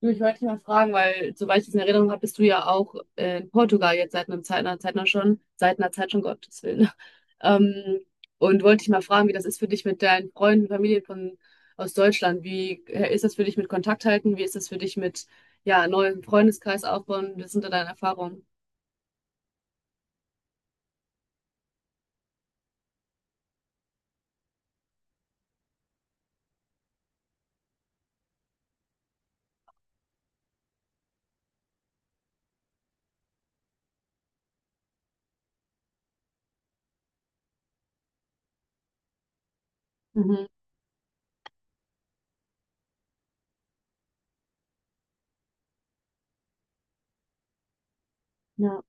Du, ich wollte dich mal fragen, weil soweit ich das in Erinnerung habe, bist du ja auch in Portugal jetzt seit einem Zeit, einer Zeit noch schon, seit einer Zeit schon, Gottes Willen. Ähm, und wollte dich mal fragen, wie das ist für dich mit deinen Freunden, Familien von, aus Deutschland. Wie ist das für dich mit Kontakt halten? Wie ist das für dich mit, ja, neuen Freundeskreis aufbauen? Was sind da deine Erfahrungen? Mhm. Ja.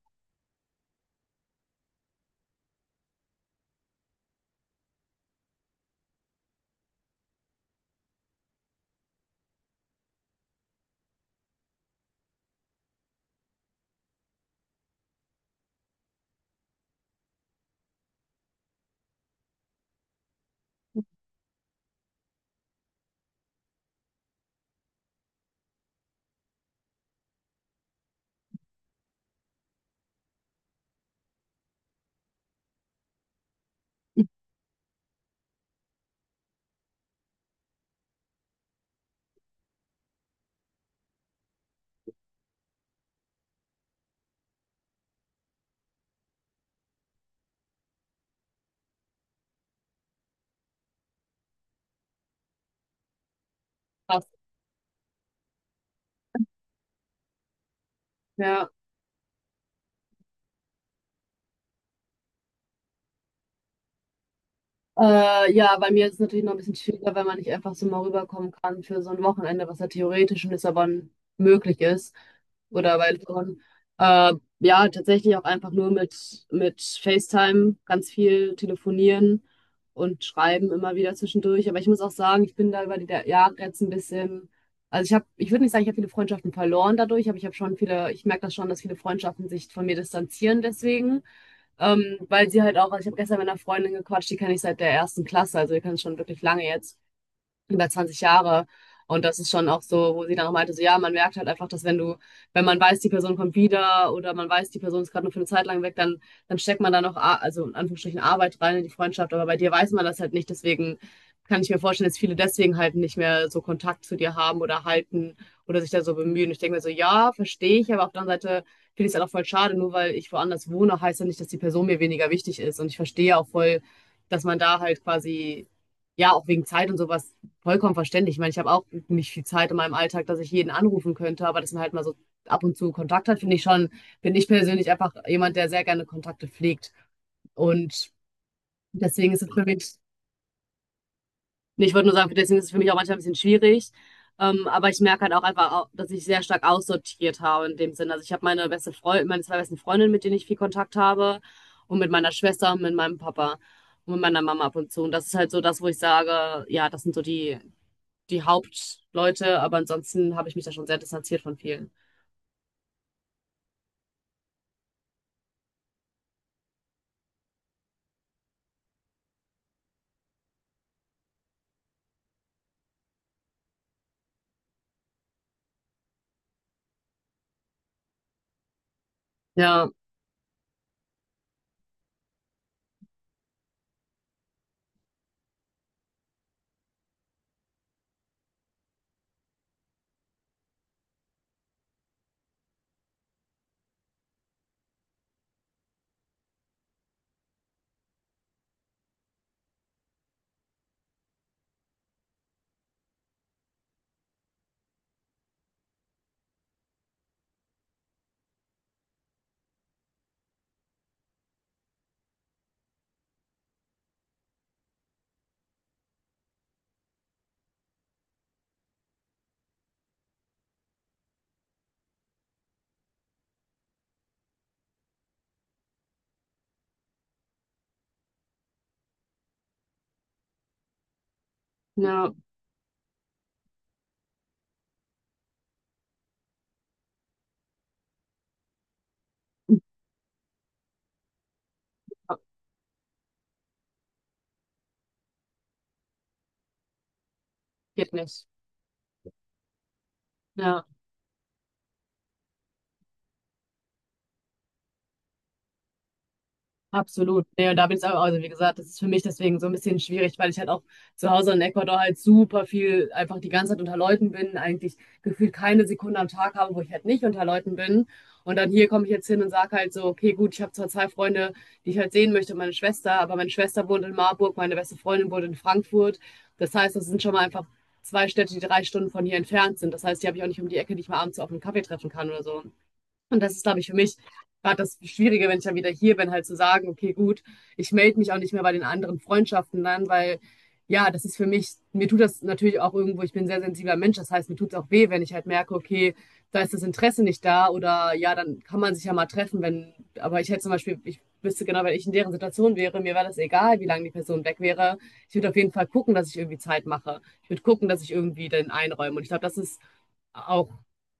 Krass. Ja. Ja, bei mir ist es natürlich noch ein bisschen schwieriger, weil man nicht einfach so mal rüberkommen kann für so ein Wochenende, was ja theoretisch in Lissabon möglich ist. Oder bei Lissabon. Äh, ja, tatsächlich auch einfach nur mit FaceTime, ganz viel telefonieren und schreiben immer wieder zwischendurch. Aber ich muss auch sagen, ich bin da über Jahre jetzt ein bisschen, also ich habe, ich würde nicht sagen, ich habe viele Freundschaften verloren dadurch, aber ich habe schon viele, ich merke das schon, dass viele Freundschaften sich von mir distanzieren deswegen. Weil sie halt auch, also ich habe gestern mit einer Freundin gequatscht, die kenne ich seit der ersten Klasse, also wir kennen es schon wirklich lange jetzt über 20 Jahre. Und das ist schon auch so, wo sie dann auch meinte, so ja, man merkt halt einfach, dass wenn man weiß, die Person kommt wieder oder man weiß, die Person ist gerade nur für eine Zeit lang weg, dann steckt man da noch, also in Anführungsstrichen Arbeit rein in die Freundschaft. Aber bei dir weiß man das halt nicht. Deswegen kann ich mir vorstellen, dass viele deswegen halt nicht mehr so Kontakt zu dir haben oder halten oder sich da so bemühen. Ich denke mir so, ja, verstehe ich, aber auf der anderen Seite finde ich es halt auch voll schade, nur weil ich woanders wohne, heißt ja nicht, dass die Person mir weniger wichtig ist. Und ich verstehe auch voll, dass man da halt quasi ja, auch wegen Zeit und sowas vollkommen verständlich. Ich meine, ich habe auch nicht viel Zeit in meinem Alltag, dass ich jeden anrufen könnte, aber dass man halt mal so ab und zu Kontakt hat, finde ich schon, bin ich persönlich einfach jemand, der sehr gerne Kontakte pflegt. Und deswegen ist es für mich, nee, ich würde nur sagen, deswegen ist es für mich auch manchmal ein bisschen schwierig. Aber ich merke halt auch einfach, dass ich sehr stark aussortiert habe in dem Sinne. Also ich habe meine beste Freundin, meine zwei besten Freundinnen, mit denen ich viel Kontakt habe und mit meiner Schwester und mit meinem Papa und mit meiner Mama ab und zu. Und das ist halt so das, wo ich sage, ja, das sind so die Hauptleute, aber ansonsten habe ich mich da schon sehr distanziert von vielen. Ja, ja, geht nicht. Ja. Absolut. Nee, und da bin ich auch. Also wie gesagt, das ist für mich deswegen so ein bisschen schwierig, weil ich halt auch zu Hause in Ecuador halt super viel einfach die ganze Zeit unter Leuten bin, eigentlich gefühlt keine Sekunde am Tag habe, wo ich halt nicht unter Leuten bin. Und dann hier komme ich jetzt hin und sage halt so, okay, gut, ich habe zwar zwei Freunde, die ich halt sehen möchte, meine Schwester, aber meine Schwester wohnt in Marburg, meine beste Freundin wohnt in Frankfurt. Das heißt, das sind schon mal einfach zwei Städte, die 3 Stunden von hier entfernt sind. Das heißt, die habe ich auch nicht um die Ecke, die ich mal abends so auf einen Kaffee treffen kann oder so. Und das ist, glaube ich, für mich gerade das Schwierige, wenn ich dann wieder hier bin, halt zu sagen, okay, gut, ich melde mich auch nicht mehr bei den anderen Freundschaften dann, weil ja, das ist für mich, mir tut das natürlich auch irgendwo, ich bin ein sehr sensibler Mensch, das heißt, mir tut es auch weh, wenn ich halt merke, okay, da ist das Interesse nicht da oder ja, dann kann man sich ja mal treffen, wenn, aber ich hätte zum Beispiel, ich wüsste genau, wenn ich in deren Situation wäre, mir wäre das egal, wie lange die Person weg wäre. Ich würde auf jeden Fall gucken, dass ich irgendwie Zeit mache. Ich würde gucken, dass ich irgendwie den einräume. Und ich glaube, das ist auch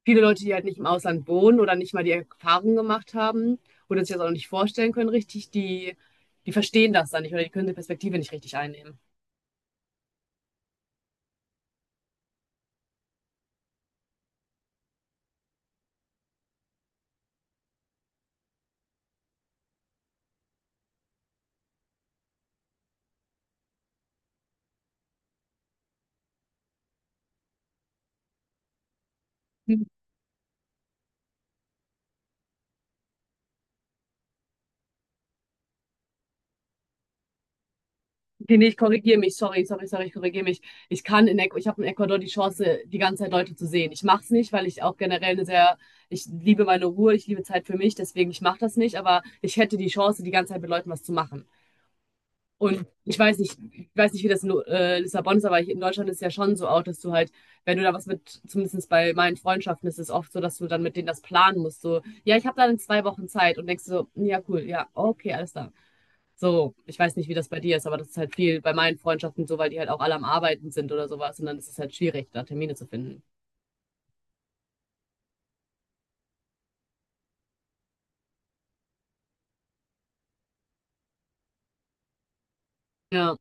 viele Leute, die halt nicht im Ausland wohnen oder nicht mal die Erfahrung gemacht haben oder sich das auch nicht vorstellen können richtig, die verstehen das dann nicht oder die können die Perspektive nicht richtig einnehmen. Okay, nee, ich korrigiere mich, sorry, sorry, sorry, ich korrigiere mich. Ich kann in, Ecuador, ich habe in Ecuador die Chance, die ganze Zeit Leute zu sehen. Ich mache es nicht, weil ich auch generell eine sehr, ich liebe meine Ruhe, ich liebe Zeit für mich, deswegen ich mache das nicht, aber ich hätte die Chance, die ganze Zeit mit Leuten was zu machen. Und ich weiß nicht, wie das in Lissabon ist, aber hier in Deutschland ist es ja schon so auch, dass du halt, wenn du da was mit, zumindest bei meinen Freundschaften ist es oft so, dass du dann mit denen das planen musst. So, ja, ich habe dann in 2 Wochen Zeit und denkst so, ja, cool, ja, okay, alles da. So, ich weiß nicht, wie das bei dir ist, aber das ist halt viel bei meinen Freundschaften so, weil die halt auch alle am Arbeiten sind oder sowas und dann ist es halt schwierig, da Termine zu finden. Ja,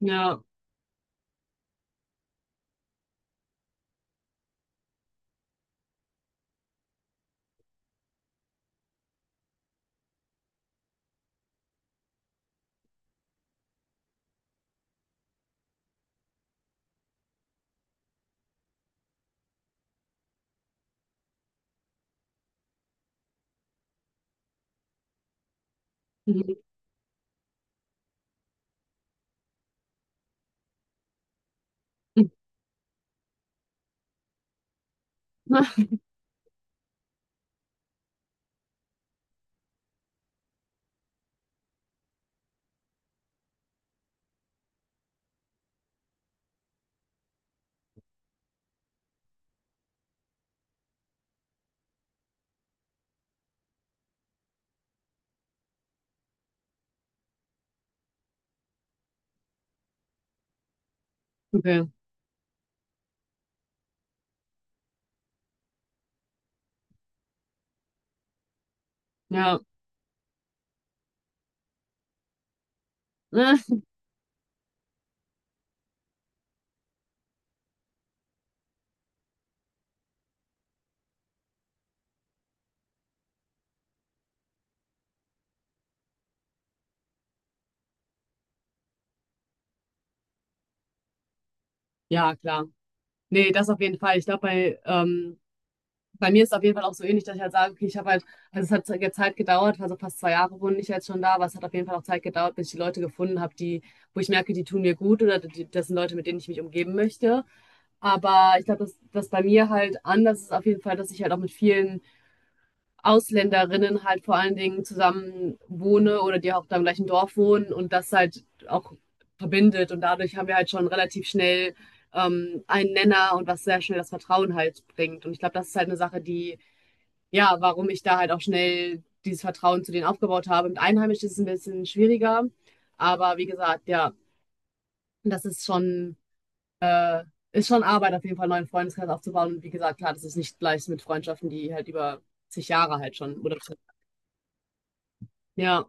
ja. Mhm. Okay, ja. Ja, klar. Nee, das auf jeden Fall. Ich glaube, bei, bei mir ist es auf jeden Fall auch so ähnlich, dass ich halt sage, okay, ich habe halt, also es hat jetzt Zeit gedauert, also fast 2 Jahre wohne ich jetzt schon da, aber es hat auf jeden Fall auch Zeit gedauert, bis ich die Leute gefunden habe, die, wo ich merke, die tun mir gut oder die, das sind Leute, mit denen ich mich umgeben möchte. Aber ich glaube, dass das bei mir halt anders ist auf jeden Fall, dass ich halt auch mit vielen Ausländerinnen halt vor allen Dingen zusammen wohne oder die auch da im gleichen Dorf wohnen und das halt auch verbindet. Und dadurch haben wir halt schon relativ schnell einen Nenner und was sehr schnell das Vertrauen halt bringt. Und ich glaube, das ist halt eine Sache, die ja, warum ich da halt auch schnell dieses Vertrauen zu denen aufgebaut habe. Mit Einheimischen ist es ein bisschen schwieriger, aber wie gesagt, ja, das äh, ist schon Arbeit, auf jeden Fall einen neuen Freundeskreis aufzubauen. Und wie gesagt, klar, das ist nicht gleich mit Freundschaften, die halt über zig Jahre halt schon, oder ja,